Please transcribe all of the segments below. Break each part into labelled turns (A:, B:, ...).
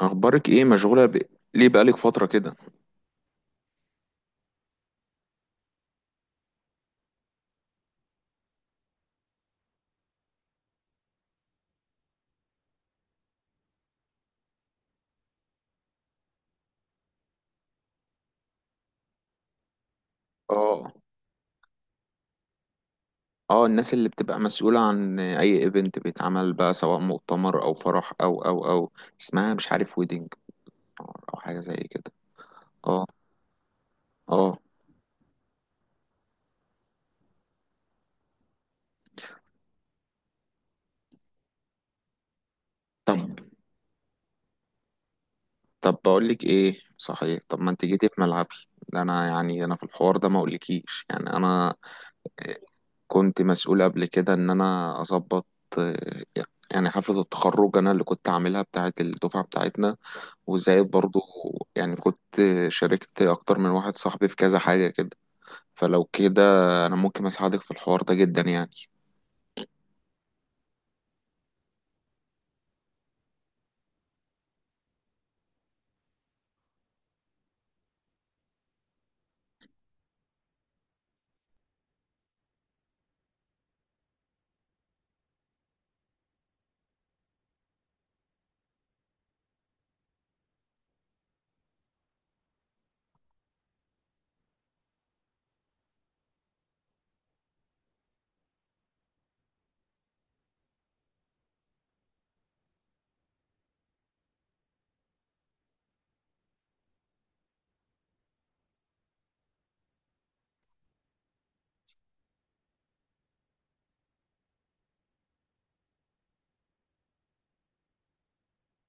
A: اخبارك ايه؟ مشغوله ليه بقالك فتره كده؟ اه اه. الناس اللي بتبقى مسؤوله عن اي ايفنت بيتعمل بقى، سواء مؤتمر او فرح او اسمها مش عارف، ويدنج او حاجه زي كده. اه اه. طب طب بقول لك ايه، صحيح، طب ما انت جيتي في ملعبي. ده انا، يعني انا في الحوار ده ما اقولكيش، يعني انا آه، كنت مسؤول قبل كده ان انا اظبط. آه، يعني حفله التخرج انا اللي كنت عاملها بتاعه الدفعه بتاعتنا، وزائد برضو، يعني كنت شاركت أكتر من واحد صاحبي في كذا حاجة كده. فلو كده، أنا ممكن أساعدك في الحوار ده جدا يعني.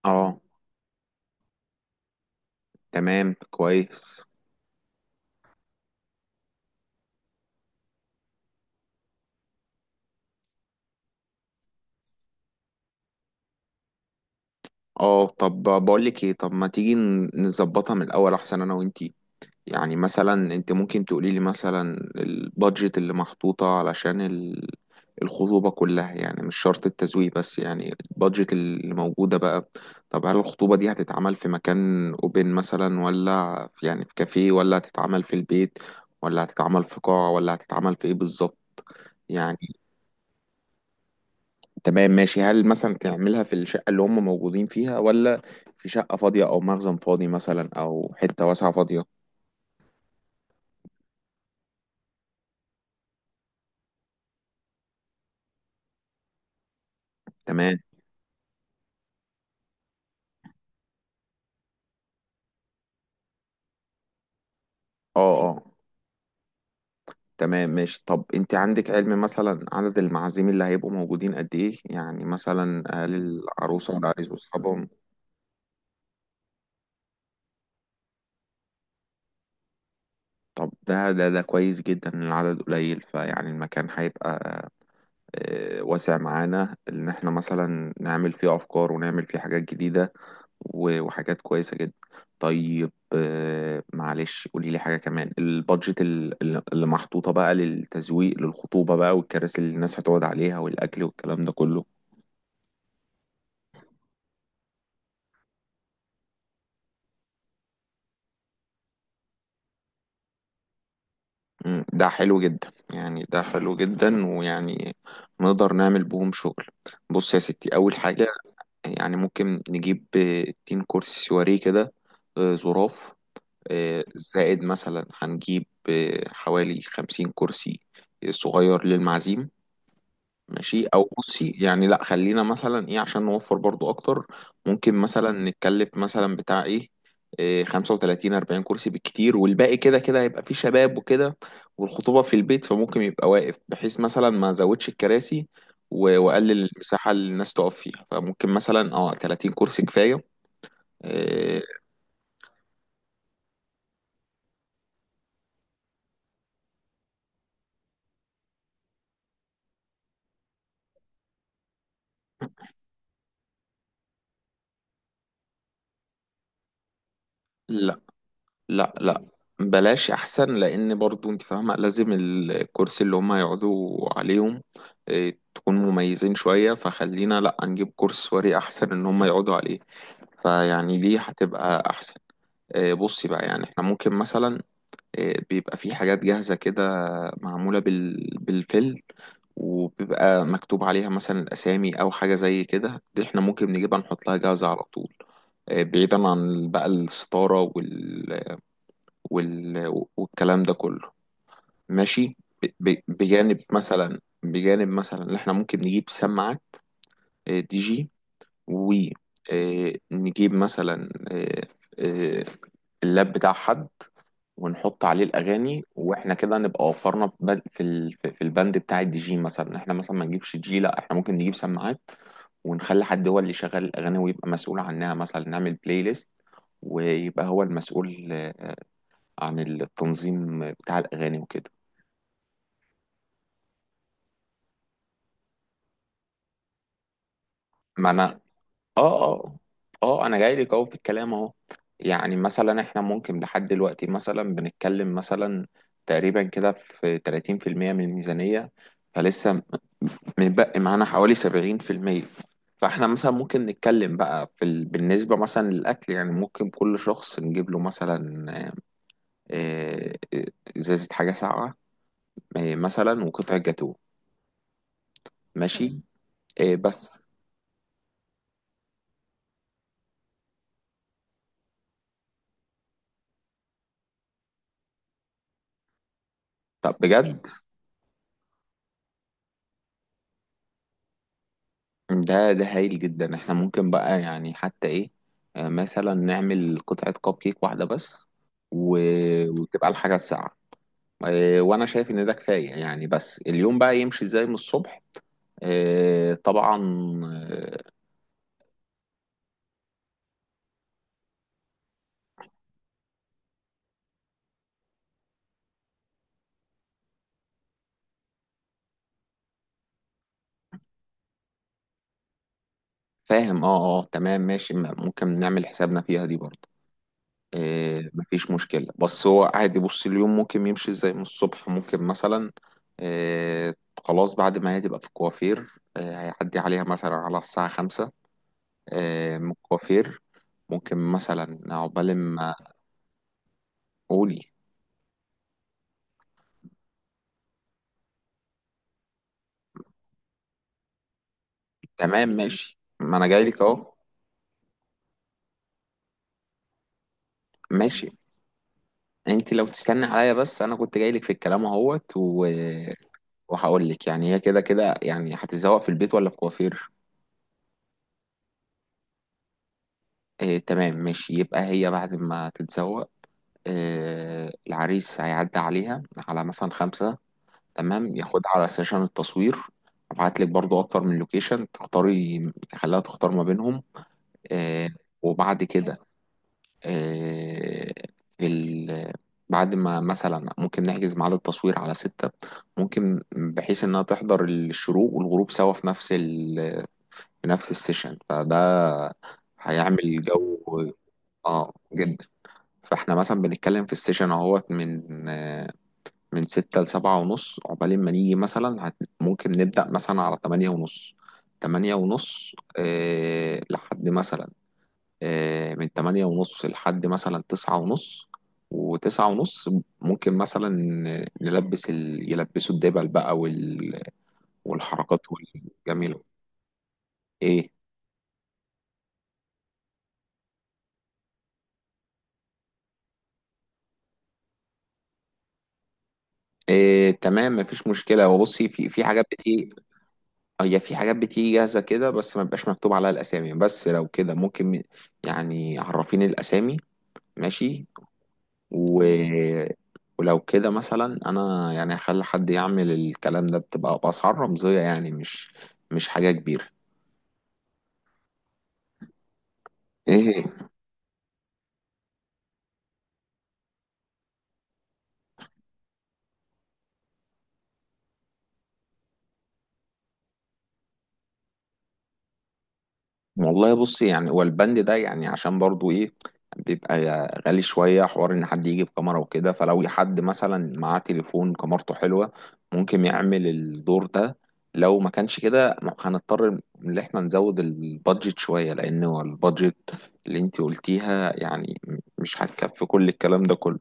A: اه تمام كويس. اه طب بقولك ايه، طب ما تيجي نظبطها من الأول أحسن أنا وإنتي. يعني مثلا انت ممكن تقولي لي مثلا البادجت اللي محطوطة علشان الخطوبة كلها، يعني مش شرط التزويق بس، يعني البادجت اللي موجودة بقى. طب هل الخطوبة دي هتتعمل في مكان اوبن مثلا، ولا في كافيه، ولا هتتعمل في البيت، ولا هتتعمل في قاعة، ولا هتتعمل في ايه بالظبط يعني؟ تمام ماشي. هل مثلا تعملها في الشقة اللي هم موجودين فيها، ولا في شقة فاضية او مخزن فاضي مثلا، او حتة واسعة فاضية؟ تمام. اه. تمام ماشي. طب انت عندك علم مثلا عدد المعازيم اللي هيبقوا موجودين قد ايه؟ يعني مثلا هل العروسة والعريس واصحابهم؟ طب ده كويس جدا ان العدد قليل، فيعني المكان هيبقى واسع معانا، ان احنا مثلا نعمل فيه افكار ونعمل فيه حاجات جديدة وحاجات كويسة جدا. طيب معلش، قولي لي حاجة كمان. البادجت اللي محطوطة بقى للتزويق للخطوبة بقى، والكراسي اللي الناس هتقعد عليها، والاكل والكلام ده كله؟ ده حلو جدا يعني، ده حلو جدا، ويعني نقدر نعمل بهم شغل. بص يا ستي، أول حاجة، يعني ممكن نجيب تين كرسي سواريه كده، زراف. زائد مثلا هنجيب حوالي 50 كرسي صغير للمعازيم. ماشي. او بصي يعني، لا، خلينا مثلا ايه، عشان نوفر برضو اكتر، ممكن مثلا نتكلف مثلا بتاع ايه، إيه، 35 40 كرسي بالكتير، والباقي كده كده هيبقى فيه شباب وكده، والخطوبة في البيت، فممكن يبقى واقف بحيث مثلا ما ازودش الكراسي واقلل المساحة اللي الناس تقف فيها. فممكن مثلا اه 30 كرسي كفاية. إيه، لا لا، بلاش احسن، لان برضو انت فاهمه لازم الكرسي اللي هم يقعدوا عليهم تكون مميزين شويه. فخلينا لا، نجيب كرسي سواري احسن ان هم يقعدوا عليه، فيعني دي هتبقى احسن. بصي بقى، يعني احنا ممكن مثلا بيبقى في حاجات جاهزه كده، معموله بالفيل، وبيبقى مكتوب عليها مثلا الاسامي او حاجه زي كده، دي احنا ممكن نجيبها نحط لها جاهزه على طول. بعيدا عن بقى الستاره والكلام ده كله، ماشي. بجانب مثلا، اللي احنا ممكن نجيب سماعة دي جي، ونجيب مثلا آه، اللاب بتاع حد ونحط عليه الاغاني، واحنا كده نبقى وفرنا في بند- في ال- في في البند بتاع الدي جي. مثلا احنا مثلا ما نجيبش دي جي، لا احنا ممكن نجيب سماعات ونخلي حد هو اللي يشغل الاغاني ويبقى مسؤول عنها، مثلا نعمل بلاي ليست، ويبقى هو المسؤول عن التنظيم بتاع الأغاني وكده. ما أنا، آه آه آه أنا جاي لك أهو في الكلام أهو. يعني مثلا إحنا ممكن لحد دلوقتي مثلا بنتكلم مثلا تقريبا كده في 30% من الميزانية. فلسه متبقي معانا حوالي 70%. فإحنا مثلا ممكن نتكلم بقى بالنسبة مثلا للأكل، يعني ممكن كل شخص نجيب له مثلا آه، إزازة حاجة ساقعة، مثلا، وقطع جاتوه. ماشي. بس. طب بجد، ده هايل جدا. احنا ممكن بقى، يعني حتى ايه، مثلا نعمل قطعة كب كيك واحدة بس، و... وتبقى الحاجة الساعة، وانا شايف ان ده كفاية يعني. بس اليوم بقى يمشي ازاي من الصبح؟ طبعا. آه، فاهم. اه. تمام ماشي. ممكن نعمل حسابنا فيها دي برضه، مفيش مشكلة. بس هو عادي، بص، اليوم ممكن يمشي ازاي من الصبح؟ ممكن مثلا آه، خلاص بعد ما هي تبقى في الكوافير، هيعدي عليها مثلا على الساعة 5، من الكوافير، ممكن مثلا عقبال ما. قولي. تمام ماشي، ما انا جاي لك اهو. ماشي. انت لو تستني عليا بس، انا كنت جاي لك في الكلام اهوت وهقول لك. يعني هي كده كده يعني هتتزوق في البيت ولا في كوافير؟ آه تمام ماشي. يبقى هي بعد ما تتزوق، آه، العريس هيعدي عليها على مثلا 5، تمام، ياخدها على سيشن التصوير. ابعت لك برضو اكتر من لوكيشن، تختاري تخليها تختار ما بينهم. آه. وبعد كده آه، في ال... بعد ما مثلا ممكن نحجز ميعاد التصوير على 6، ممكن بحيث انها تحضر الشروق والغروب سوا في نفس السيشن، فده هيعمل جو. اه جدا. فاحنا مثلا بنتكلم في السيشن اهوت من من 6 لـ7:30، عقبال ما نيجي مثلا ممكن نبدأ مثلا على 8:30. لحد مثلا، من 8:30 لحد مثلا 9:30. وتسعة ونص ممكن مثلا يلبسوا الدبل بقى والحركات والجميلة. ايه؟ إيه تمام مفيش مشكلة. هو بصي، في حاجات بتيجي، هي في حاجات بتيجي جاهزة كده بس ما بيبقاش مكتوب عليها الأسامي، بس لو كده ممكن يعني عرفيني الأسامي. ماشي. و... ولو كده مثلا، أنا يعني هخلي حد يعمل الكلام ده، بتبقى بأسعار رمزية يعني، مش حاجة كبيرة. ايه. والله بصي يعني، والبند ده يعني عشان برضو ايه، بيبقى غالي شوية حوار ان حد يجيب كاميرا وكده. فلو حد مثلا معاه تليفون كاميرته حلوة، ممكن يعمل الدور ده. لو ما كانش كده، هنضطر ان احنا نزود البادجت شوية، لان هو البادجت اللي انت قلتيها يعني مش هتكفي كل الكلام ده كله.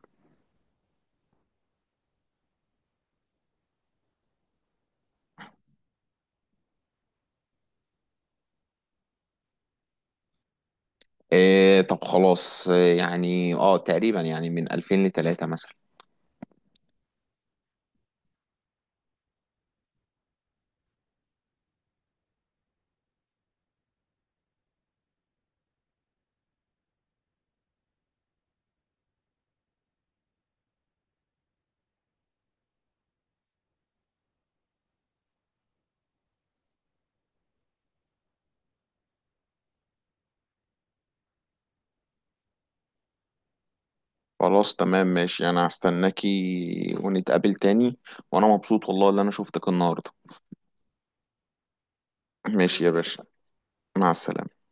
A: إيه، طب خلاص. إيه يعني، اه، تقريبا يعني من 2000 لتلاتة مثلا. خلاص تمام ماشي. انا هستناكي ونتقابل تاني، وانا مبسوط والله اللي انا شفتك النهارده. ماشي يا باشا. مع السلامة.